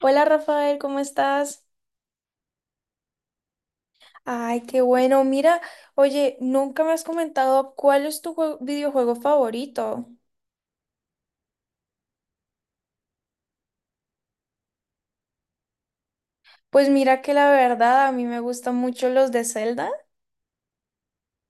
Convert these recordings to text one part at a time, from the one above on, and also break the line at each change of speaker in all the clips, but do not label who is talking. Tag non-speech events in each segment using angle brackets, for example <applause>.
Hola Rafael, ¿cómo estás? Ay, qué bueno. Mira, oye, nunca me has comentado cuál es tu videojuego favorito. Pues mira que la verdad a mí me gustan mucho los de Zelda.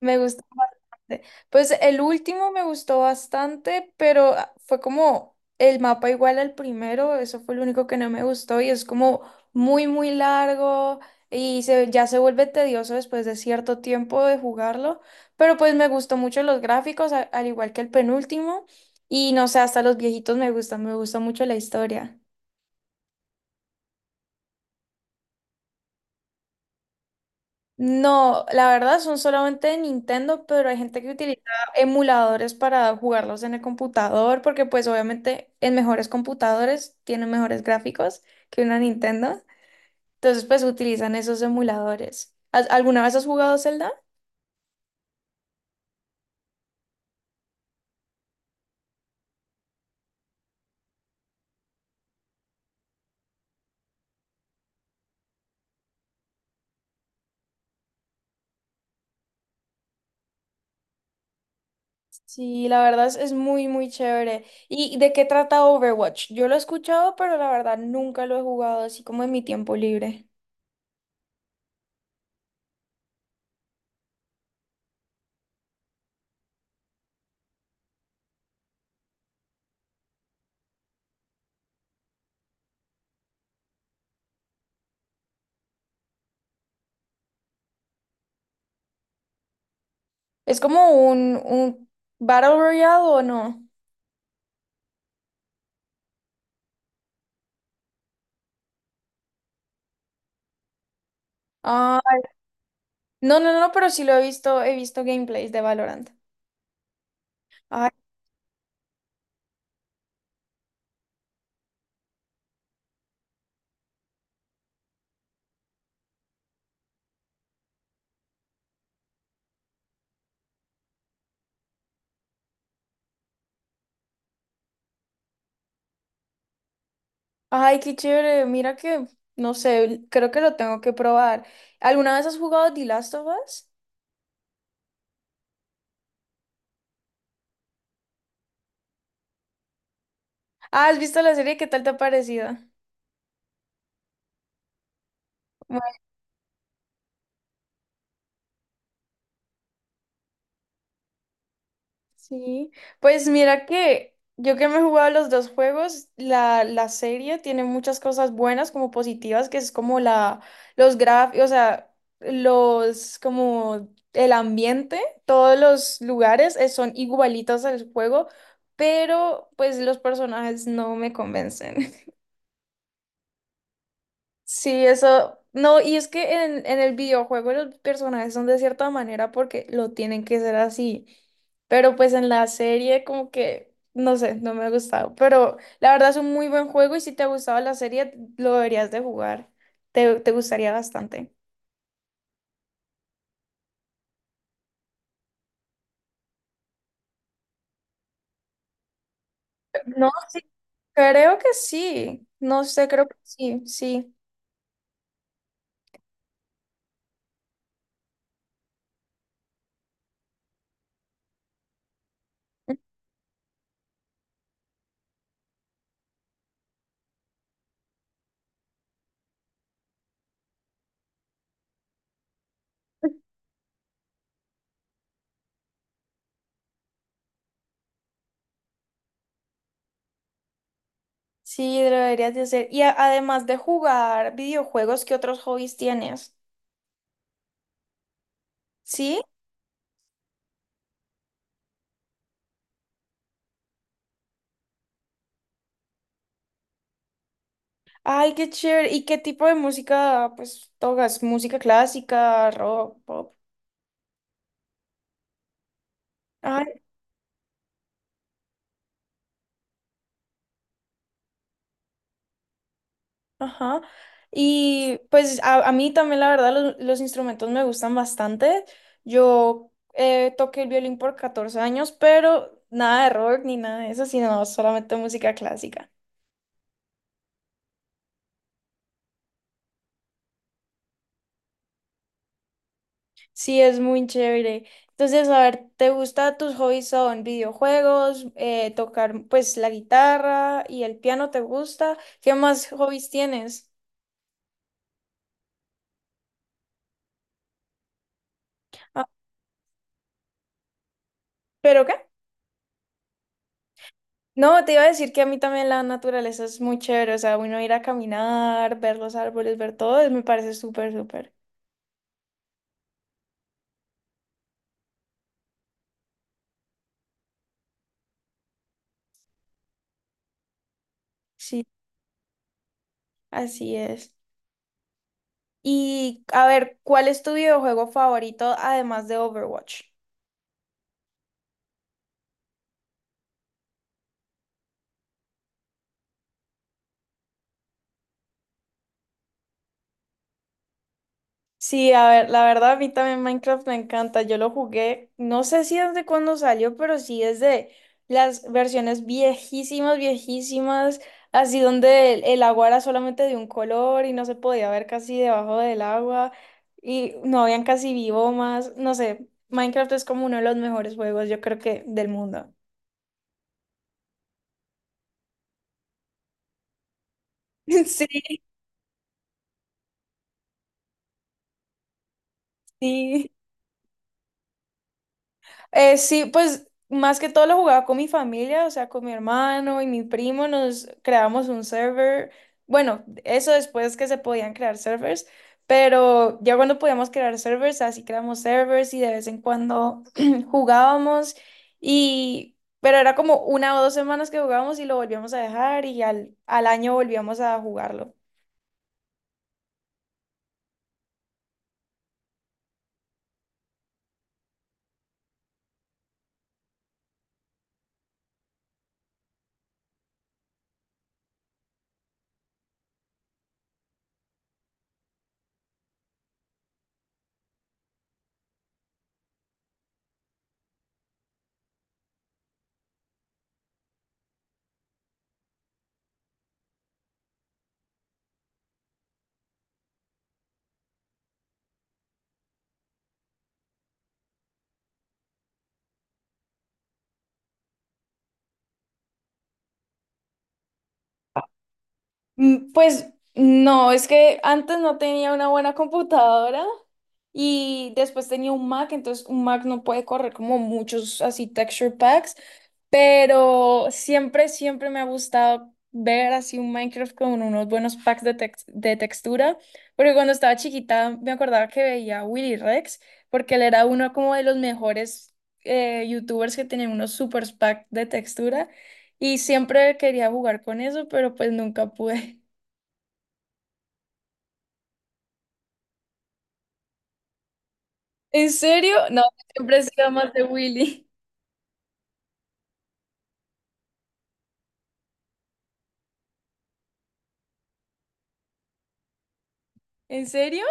Me gustó bastante. Pues el último me gustó bastante, pero fue como el mapa igual al primero, eso fue lo único que no me gustó y es como muy, muy largo ya se vuelve tedioso después de cierto tiempo de jugarlo, pero pues me gustó mucho los gráficos, al igual que el penúltimo y no sé, hasta los viejitos me gustan, me gusta mucho la historia. No, la verdad son solamente de Nintendo, pero hay gente que utiliza emuladores para jugarlos en el computador, porque pues obviamente en mejores computadores tienen mejores gráficos que una Nintendo. Entonces pues utilizan esos emuladores. ¿Alguna vez has jugado Zelda? Sí, la verdad es muy, muy chévere. ¿Y de qué trata Overwatch? Yo lo he escuchado, pero la verdad nunca lo he jugado así como en mi tiempo libre. Es como un Battle Royale o no. Ah, no, no, no, pero sí lo he visto gameplays de Valorant. Ay, ay, qué chévere. Mira que, no sé, creo que lo tengo que probar. ¿Alguna vez has jugado The Last of Us? Ah, ¿has visto la serie? ¿Qué tal te ha parecido? Sí, pues mira que yo que me he jugado los dos juegos, la serie tiene muchas cosas buenas como positivas, que es como los gráficos, o sea, los, como el ambiente, todos los lugares son igualitos al juego, pero pues los personajes no me convencen. Sí, eso. No, y es que en el videojuego los personajes son de cierta manera porque lo tienen que ser así. Pero pues en la serie como que, no sé, no me ha gustado. Pero la verdad es un muy buen juego y si te ha gustado la serie, lo deberías de jugar. Te gustaría bastante. No, sí, creo que sí. No sé, creo que sí, sí. Sí, lo deberías de hacer. Y además de jugar videojuegos, ¿qué otros hobbies tienes? ¿Sí? Ay, qué chévere. ¿Y qué tipo de música, pues, tocas? ¿Música clásica, rock, pop? Ay, ajá. Y pues a mí también, la verdad, los instrumentos me gustan bastante. Yo toqué el violín por 14 años, pero nada de rock ni nada de eso, sino solamente música clásica. Sí, es muy chévere. Entonces, a ver, ¿te gusta tus hobbies son videojuegos, tocar pues la guitarra y el piano te gusta? ¿Qué más hobbies tienes? ¿Pero qué? No, te iba a decir que a mí también la naturaleza es muy chévere, o sea, uno ir a caminar, ver los árboles, ver todo, es- me parece súper, súper. Sí, así es. Y a ver, ¿cuál es tu videojuego favorito además de Overwatch? Sí, a ver, la verdad a mí también Minecraft me encanta. Yo lo jugué, no sé si desde cuándo salió, pero sí desde las versiones viejísimas, viejísimas, así donde el agua era solamente de un color y no se podía ver casi debajo del agua y no habían casi biomas. No sé, Minecraft es como uno de los mejores juegos, yo creo que del mundo. <laughs> Sí, sí. Sí, pues más que todo lo jugaba con mi familia, o sea, con mi hermano y mi primo, nos creamos un server. Bueno, eso después que se podían crear servers, pero ya cuando podíamos crear servers, así creamos servers y de vez en cuando <clears throat> jugábamos y... Pero era como una o dos semanas que jugábamos y lo volvíamos a dejar y al año volvíamos a jugarlo. Mm, pues no, es que antes no tenía una buena computadora y después tenía un Mac, entonces un Mac no puede correr como muchos así texture packs, pero siempre, siempre me ha gustado ver así un Minecraft con unos buenos packs de, de textura, porque cuando estaba chiquita me acordaba que veía a Willy Rex, porque él era uno como de los mejores YouTubers que tenían unos super packs de textura. Y siempre quería jugar con eso, pero pues nunca pude. ¿En serio? No, siempre he sido más de Willy. ¿En serio?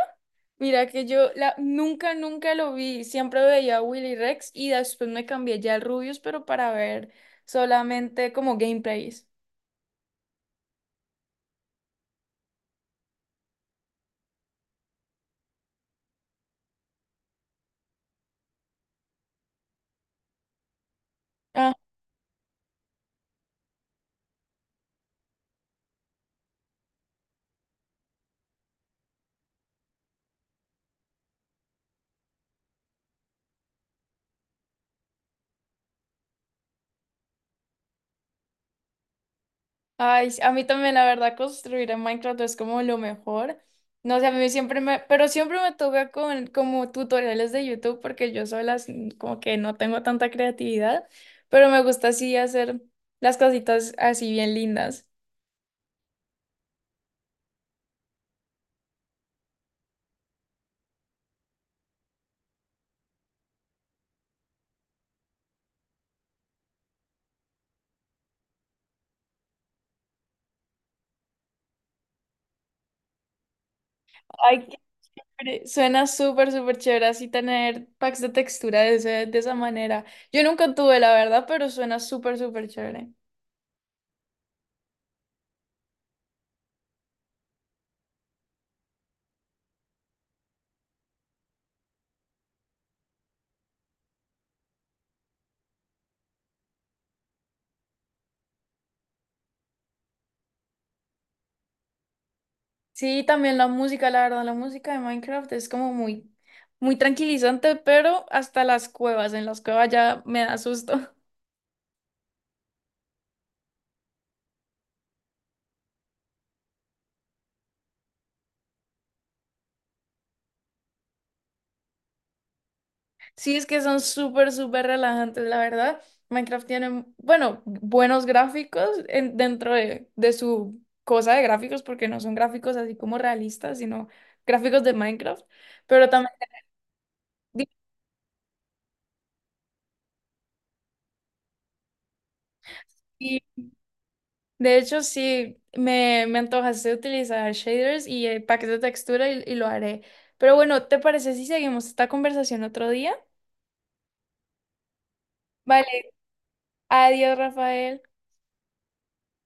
Mira que nunca, nunca lo vi. Siempre veía a Willy Rex y después me cambié ya al Rubius, pero para ver solamente como gameplays. Ah, ay, sí, a mí también la verdad construir en Minecraft es como lo mejor. No sé, a mí siempre me, pero siempre me toca con como tutoriales de YouTube porque yo sola sí, como que no tengo tanta creatividad, pero me gusta así hacer las cositas así bien lindas. Ay, hombre, suena súper, súper chévere así tener packs de textura de, de esa manera. Yo nunca tuve, la verdad, pero suena súper, súper chévere. Sí, también la música, la verdad, la música de Minecraft es como muy, muy tranquilizante, pero hasta las cuevas, en las cuevas ya me da susto. <laughs> Sí, es que son súper, súper relajantes, la verdad. Minecraft tiene, bueno, buenos gráficos dentro de su cosa de gráficos, porque no son gráficos así como realistas, sino gráficos de Minecraft, pero también y de hecho, sí, me antojaste utilizar shaders y paquetes de textura y lo haré. Pero bueno, ¿te parece si seguimos esta conversación otro día? Vale, adiós, Rafael.